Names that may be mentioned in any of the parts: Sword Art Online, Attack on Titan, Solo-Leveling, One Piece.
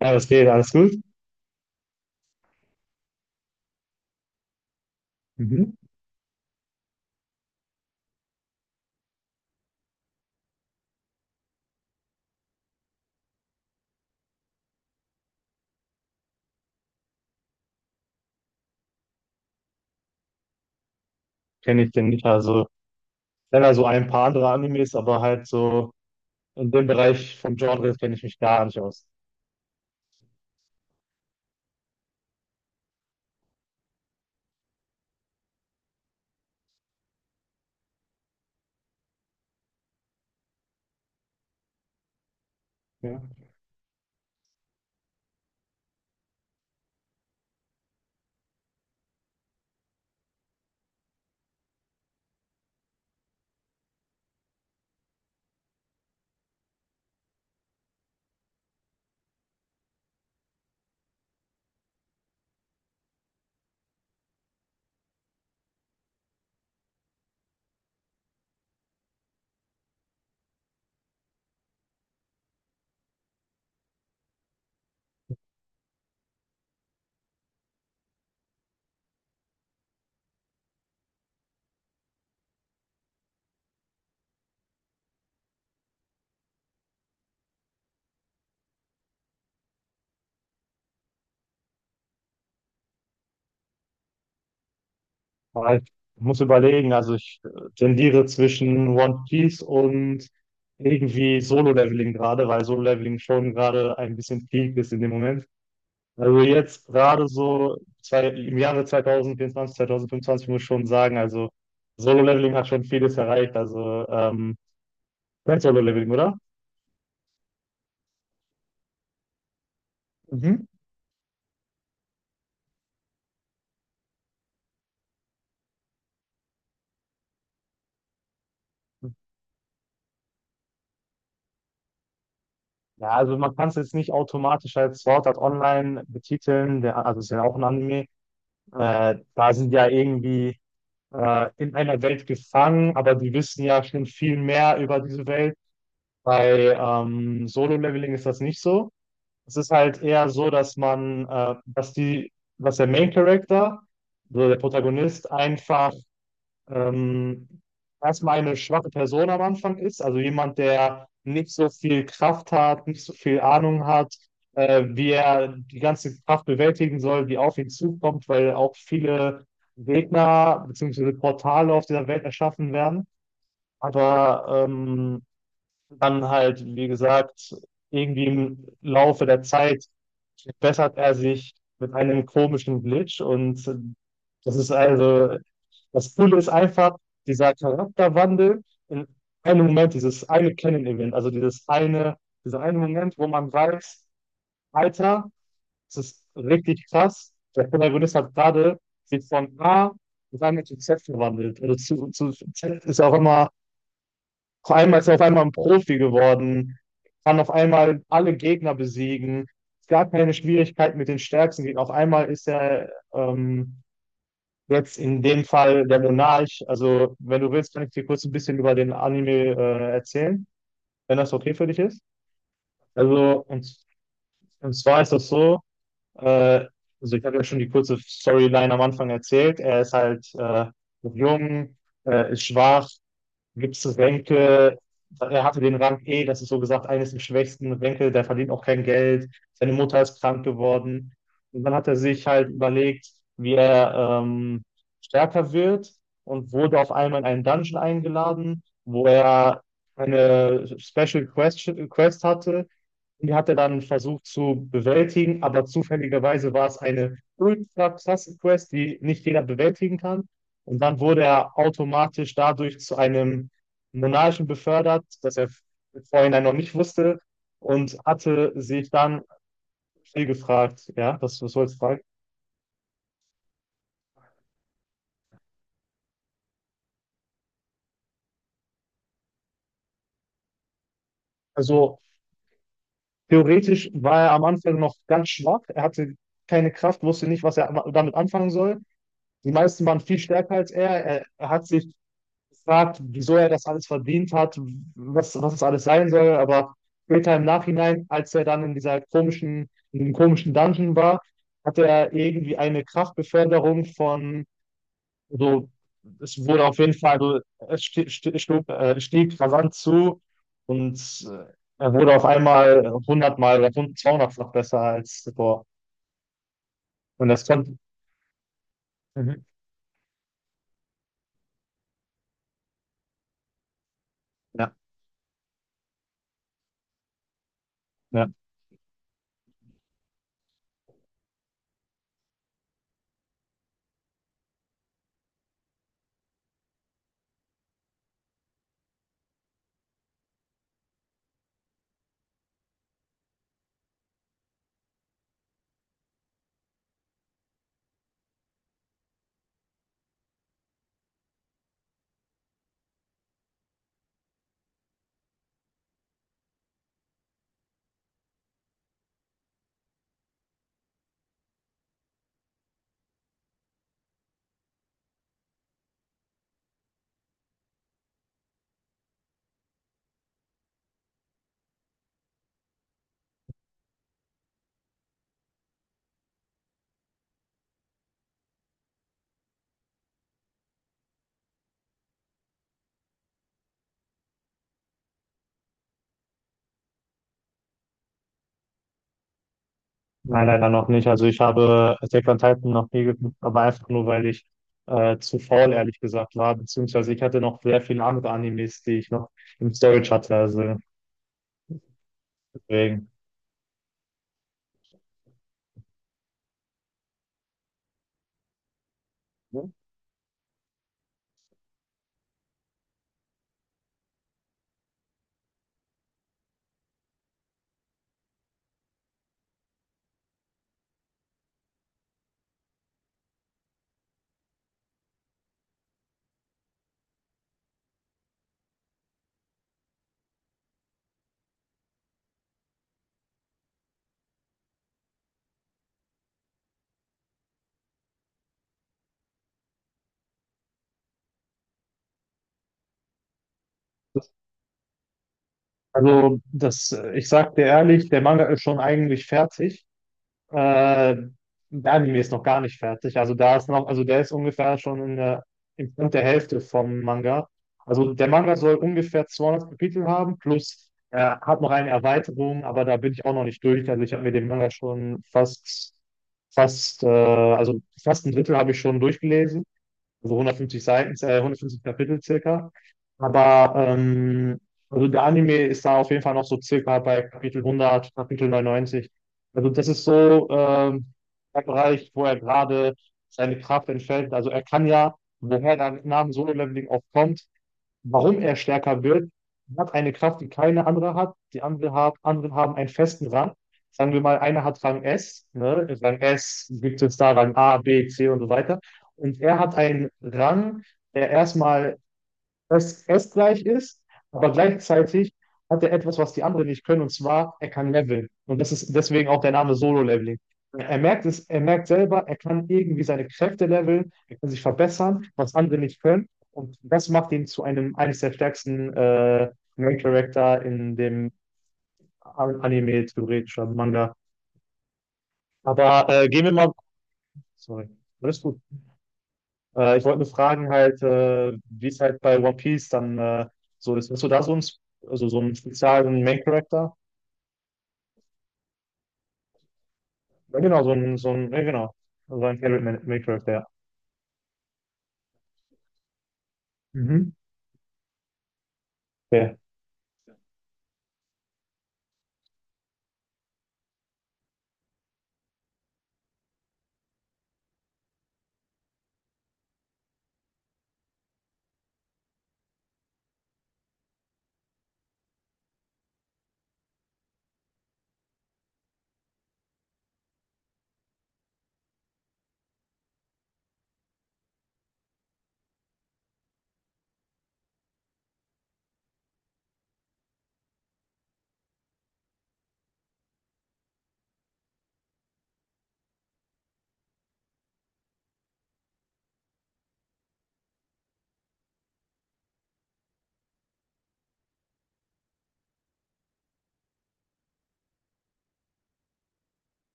Ja, das geht, alles gut. Mhm. Kenne ich den nicht. Also, kenne also ein paar andere Animes, aber halt so in dem Bereich vom Genre kenne ich mich gar nicht aus. Ja. Aber ich muss überlegen, also ich tendiere zwischen One Piece und irgendwie Solo-Leveling gerade, weil Solo-Leveling schon gerade ein bisschen peak ist in dem Moment. Also jetzt gerade so zwei, im Jahre 2024, 2025 muss ich schon sagen, also Solo-Leveling hat schon vieles erreicht. Also du kennst Solo-Leveling, oder? Mhm. Ja, also man kann es jetzt nicht automatisch als Sword Art Online betiteln, der, also es ist ja auch ein Anime. Ja. Da sind ja irgendwie in einer Welt gefangen, aber die wissen ja schon viel mehr über diese Welt. Bei Solo-Leveling ist das nicht so. Es ist halt eher so, dass man, dass die, dass der Main Character, so der Protagonist, einfach ähm, erstmal eine schwache Person am Anfang ist, also jemand, der nicht so viel Kraft hat, nicht so viel Ahnung hat, wie er die ganze Kraft bewältigen soll, die auf ihn zukommt, weil auch viele Gegner bzw. Portale auf dieser Welt erschaffen werden. Aber dann halt, wie gesagt, irgendwie im Laufe der Zeit bessert er sich mit einem komischen Glitch, und das ist also, das Coole ist einfach dieser Charakterwandel in einem Moment, dieses eine Canon-Event, also dieser eine Moment, wo man weiß, Alter, das ist richtig krass, der Protagonist hat gerade sich von A auf einmal zu Z verwandelt. Also zu Z ist ja auch immer, auf einmal ist er auf einmal ein Profi geworden, kann auf einmal alle Gegner besiegen. Es gab keine Schwierigkeit mit den stärksten Gegnern. Auf einmal ist er jetzt in dem Fall der Monarch. Also, wenn du willst, kann ich dir kurz ein bisschen über den Anime erzählen, wenn das okay für dich ist. Also, und zwar ist das so, äh, also ich habe ja schon die kurze Storyline am Anfang erzählt. Er ist halt noch jung, ist schwach. Gibst du Senke, er hatte den Rang E, das ist so gesagt eines der schwächsten. Senke, der verdient auch kein Geld. Seine Mutter ist krank geworden. Und dann hat er sich halt überlegt, wie er stärker wird, und wurde auf einmal in einen Dungeon eingeladen, wo er eine Special Quest hatte. Die hat er dann versucht zu bewältigen, aber zufälligerweise war es eine ultra krasse Quest, die nicht jeder bewältigen kann. Und dann wurde er automatisch dadurch zu einem Monarchen befördert, das er vorhin noch nicht wusste, und hatte sich dann viel gefragt. Ja, das, was soll's fragen? Also theoretisch war er am Anfang noch ganz schwach. Er hatte keine Kraft, wusste nicht, was er damit anfangen soll. Die meisten waren viel stärker als er. Er hat sich gefragt, wieso er das alles verdient hat, was, was es alles sein soll, aber später im Nachhinein, als er dann in dieser komischen, in dem komischen Dungeon war, hatte er irgendwie eine Kraftbeförderung von so. Es wurde auf jeden Fall, also es stieg rasant zu, und äh, er wurde auf einmal hundertmal oder 200 besser als zuvor. Und das konnte. Mhm. Ja, ja. Nein, leider noch nicht. Also ich habe Attack on Titan noch nie geguckt, aber einfach nur, weil ich zu faul, ehrlich gesagt, war. Beziehungsweise ich hatte noch sehr viele andere Animes, die ich noch im Storage hatte. Also deswegen. Mhm. Also ich sag dir ehrlich, der Manga ist schon eigentlich fertig. Äh, Der Anime ist noch gar nicht fertig. Also da ist noch, also der ist ungefähr schon in der, im Punkt der Hälfte vom Manga. Also der Manga soll ungefähr 200 Kapitel haben, plus er hat noch eine Erweiterung, aber da bin ich auch noch nicht durch. Also ich habe mir den Manga schon fast ein Drittel habe ich schon durchgelesen, also 150 Seiten, 150 Kapitel circa. Aber also der Anime ist da auf jeden Fall noch so circa bei Kapitel 100, Kapitel 99. Also das ist so der Bereich, wo er gerade seine Kraft entfällt. Also er kann ja, woher der Name Solo Leveling auch kommt, warum er stärker wird. Er hat eine Kraft, die keine andere hat. Die andere hat, anderen haben einen festen Rang. Sagen wir mal, einer hat Rang S, ne? Rang S gibt es, da Rang A, B, C und so weiter. Und er hat einen Rang, der erstmal das es gleich ist, aber gleichzeitig hat er etwas, was die anderen nicht können, und zwar, er kann leveln. Und das ist deswegen auch der Name Solo-Leveling. Er merkt es, er merkt selber, er kann irgendwie seine Kräfte leveln, er kann sich verbessern, was andere nicht können. Und das macht ihn zu einem eines der stärksten Main Character in dem Anime, theoretisch, oder Manga. Aber gehen wir mal. Sorry, alles gut. Ich wollte nur fragen halt, wie es halt bei One Piece dann so ist. Hast du da so einen, also so einen speziellen Main Character? Ja, genau, so ein, ja, genau, so ein Favorite Main Character, ja. Mhm. Okay.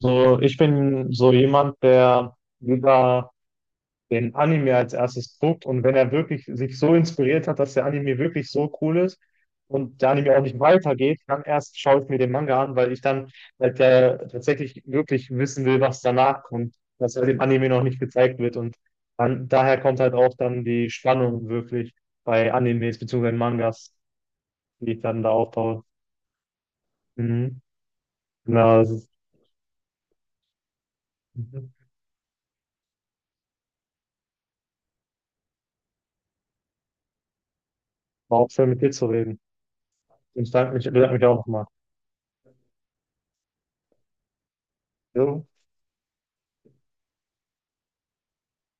So, ich bin so jemand, der lieber den Anime als erstes guckt, und wenn er wirklich sich so inspiriert hat, dass der Anime wirklich so cool ist und der Anime auch nicht weitergeht, dann erst schaue ich mir den Manga an, weil ich dann halt der tatsächlich wirklich wissen will, was danach kommt, was ja dem Anime noch nicht gezeigt wird, und dann, daher kommt halt auch dann die Spannung wirklich bei Animes beziehungsweise Mangas, die ich dann da aufbaue. Mhm. Na, das ist, mhm. War auch schön mit dir zu reden. Ich bedanke mich auch nochmal. Jo.